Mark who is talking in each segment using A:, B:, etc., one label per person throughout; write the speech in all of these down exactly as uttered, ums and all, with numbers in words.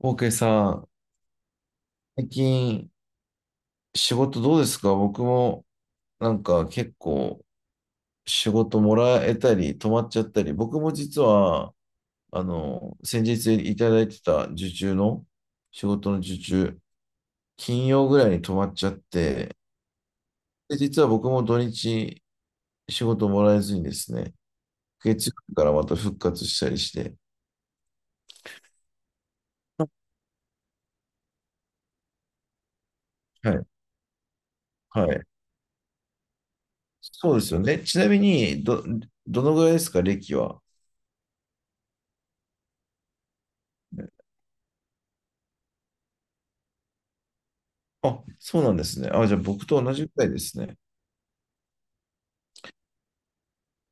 A: オーケーさん、最近仕事どうですか？僕もなんか結構仕事もらえたり止まっちゃったり、僕も実はあの先日いただいてた受注の仕事の受注、金曜ぐらいに止まっちゃって、で、実は僕も土日仕事もらえずにですね、月曜日からまた復活したりして、はい、はい。そうですよね。ちなみに、ど、どのぐらいですか、歴は？あ、そうなんですね。あ、じゃあ僕と同じくらいですね。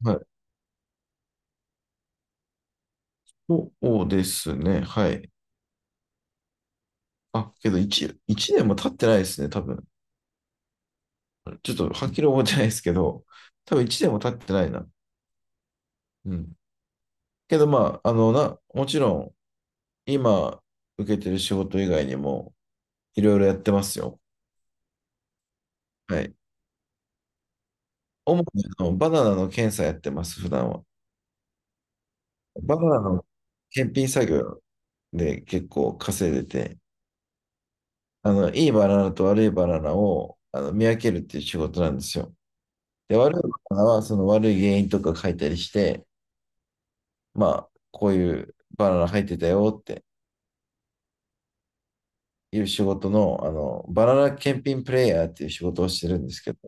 A: はい。そうですね。はい。あ、けどいち、一年も経ってないですね、多分。ちょっとはっきり覚えてないですけど、多分いちねんも経ってないな。うん。けどまあ、あの、な、もちろん、今受けてる仕事以外にも、いろいろやってますよ。はい。主にあのバナナの検査やってます、普段は。バナナの検品作業で結構稼いでて、あの、いいバナナと悪いバナナをあの見分けるっていう仕事なんですよ。で、悪いバナナはその悪い原因とか書いたりして、まあ、こういうバナナ入ってたよっていう仕事の、あの、バナナ検品プレイヤーっていう仕事をしてるんですけど。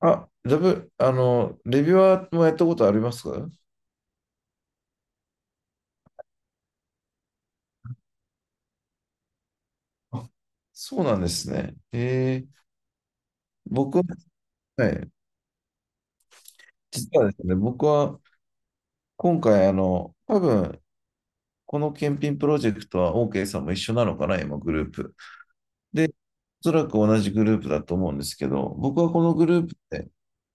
A: あ、だぶ、あの、レビュアーもやったことありますか？あ、そうなんですね。えー、僕は、はい、実はですね、僕は今回、あの、多分、この検品プロジェクトは OK さんも一緒なのかな、今、グループ。で、おそらく同じグループだと思うんですけど、僕はこのグループで、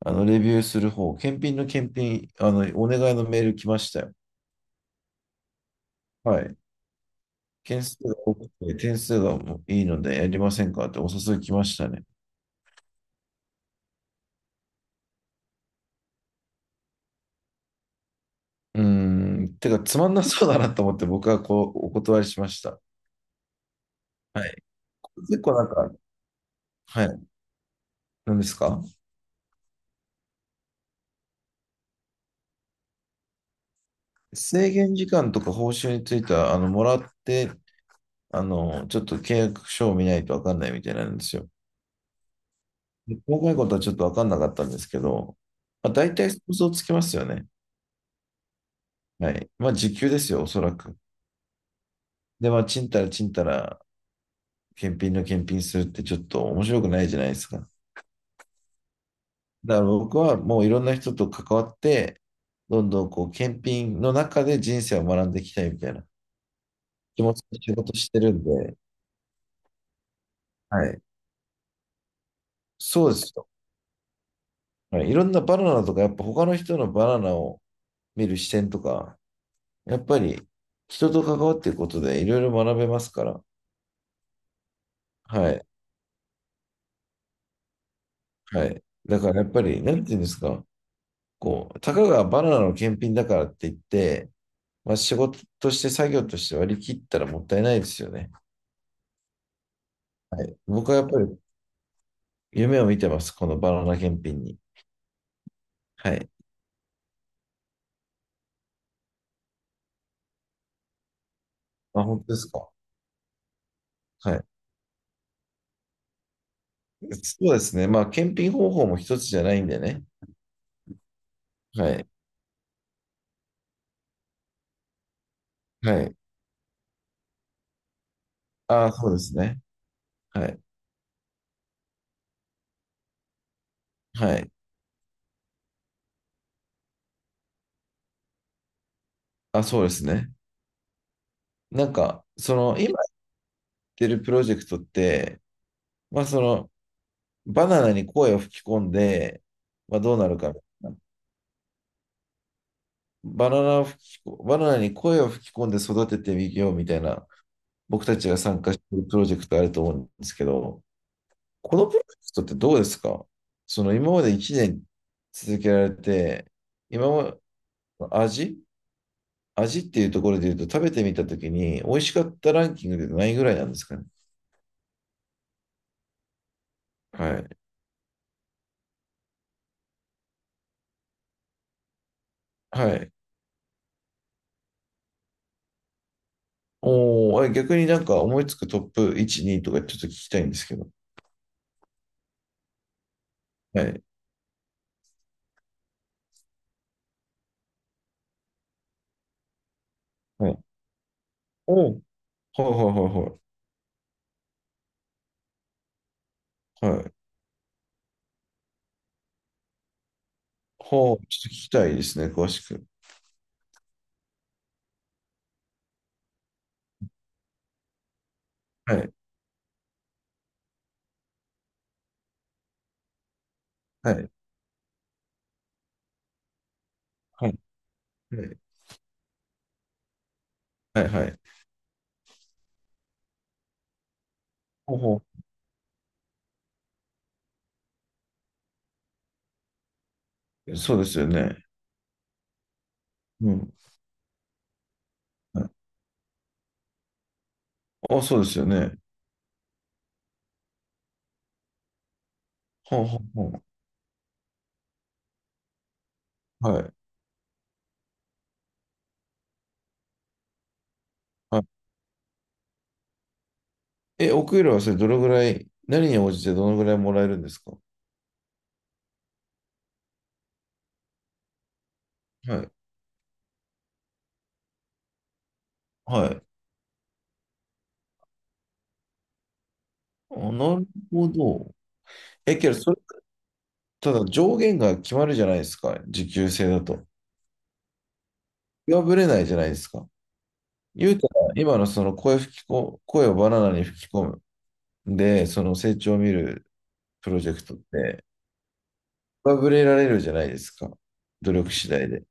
A: あの、レビューする方、検品の検品、あの、お願いのメール来ましたよ。はい。件数が多くて、点数がもういいのでやりませんかってお誘い来ましたね。うーん、てか、つまんなそうだなと思って僕はこう、お断りしました。はい。結構なんか、はい。何ですか？制限時間とか報酬については、あの、もらって、あの、ちょっと契約書を見ないとわかんないみたいなんですよ。細かいことはちょっと分かんなかったんですけど、まあ、大体想像つきますよね。はい。まあ、時給ですよ、おそらく。で、まあ、ちんたらちんたら、検品の検品するってちょっと面白くないじゃないですか。だから僕はもういろんな人と関わって、どんどんこう、検品の中で人生を学んでいきたいみたいな気持ちで仕事してるんで、はい。そうですよ。はい。いろんなバナナとか、やっぱ他の人のバナナを見る視点とか、やっぱり人と関わっていくことでいろいろ学べますから、はい。はい。だからやっぱり、なんていうんですか、こう、たかがバナナの検品だからって言って、まあ、仕事として作業として割り切ったらもったいないですよね。はい。僕はやっぱり夢を見てます、このバナナ検品に。はい。あ、本当ですか。はい。そうですね。まあ、検品方法も一つじゃないんでね。はい。はい。あ、そうですね。はい。はい。あ、そうですね。なんか、その、今やってるプロジェクトって、まあ、その、バナナに声を吹き込んで、まあ、どうなるかみたいな。バナナを吹きこ、バナナに声を吹き込んで育ててみようみたいな、僕たちが参加しているプロジェクトあると思うんですけど、このプロジェクトってどうですか？その今までいちねん続けられて、今まで味味っていうところで言うと食べてみたときに、美味しかったランキングでないぐらいなんですかね。はい。はい。おー、あれ逆になんか思いつくトップいち、にとかちょっと聞きたいんですけど。はい。はい。お、はいはいはいはい。はい。はあ、ちょっと聞きたいですね、詳しく。はい。はい。はい。はい。はい。はい、ほうほう。そうですよね。うん。はい、あ、そうですよね。ほうほうほう。はい。はい。え、お給料はそれどのぐらい、何に応じてどのぐらいもらえるんですか？はい。はい。あ、なるほど。え、けど、それ、ただ上限が決まるじゃないですか、時給制だと。破れないじゃないですか。言うたら、今のその声吹きこ、声をバナナに吹き込む。で、その成長を見るプロジェクトって上振れられるじゃないですか。努力次第で。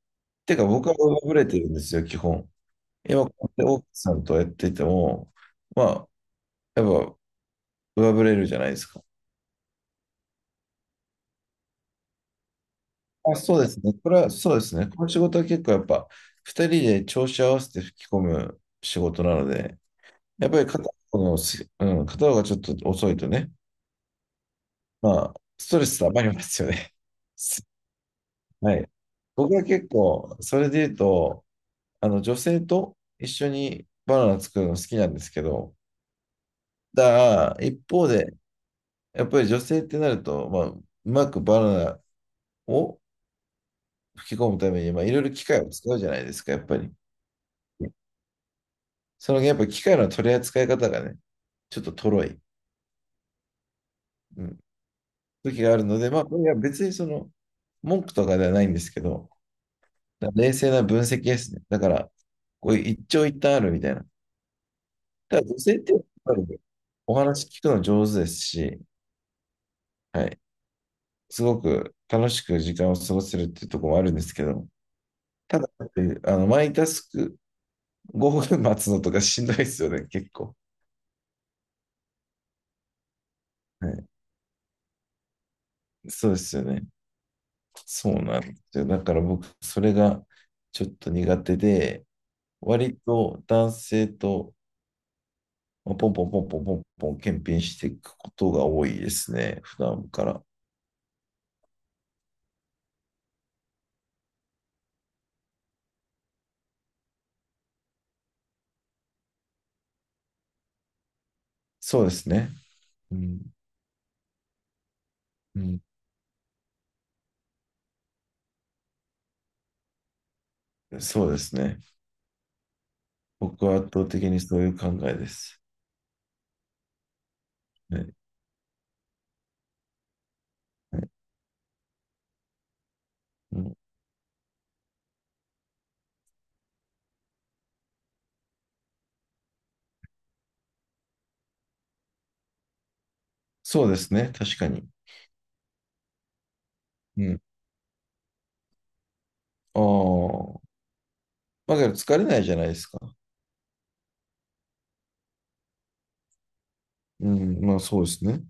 A: てか僕は上振れてるんですよ、基本。今、こうやって奥さんとやってても、まあ、やっぱ上振れるじゃないですか。あ、そうですね。これはそうですね。この仕事は結構やっぱ二人で調子合わせて吹き込む仕事なので、やっぱり片方のす、うん、片方がちょっと遅いとね、まあ、ストレス溜まりますよね。はい。僕は結構、それで言うと、あの、女性と一緒にバナナ作るの好きなんですけど、だから一方で、やっぱり女性ってなると、まあ、うまくバナナを吹き込むために、まあ、いろいろ機械を使うじゃないですか、やっぱり。その、やっぱり機械の取り扱い方がね、ちょっととろい、うん、時があるので、まあ、これは別にその、文句とかではないんですけど、だから冷静な分析ですね。だから、こういう一長一短あるみたいな。ただ、女性ってやっぱりねお話聞くの上手ですし、はい。すごく楽しく時間を過ごせるっていうところもあるんですけど、ただ、あの、マイタスクごふん待つのとかしんどいですよね、結構。はい、そうですよね。そうなんですよ。だから僕、それがちょっと苦手で、割と男性とまあポンポンポンポンポンポン検品していくことが多いですね、普段から。そうですね。うん、うん、そうですね。僕は圧倒的にそういう考えです。はい、はい、うん、そうですね、確かに。うん。ああ。まあ、だから疲れないじゃないですか。うん。まあ、そうですね。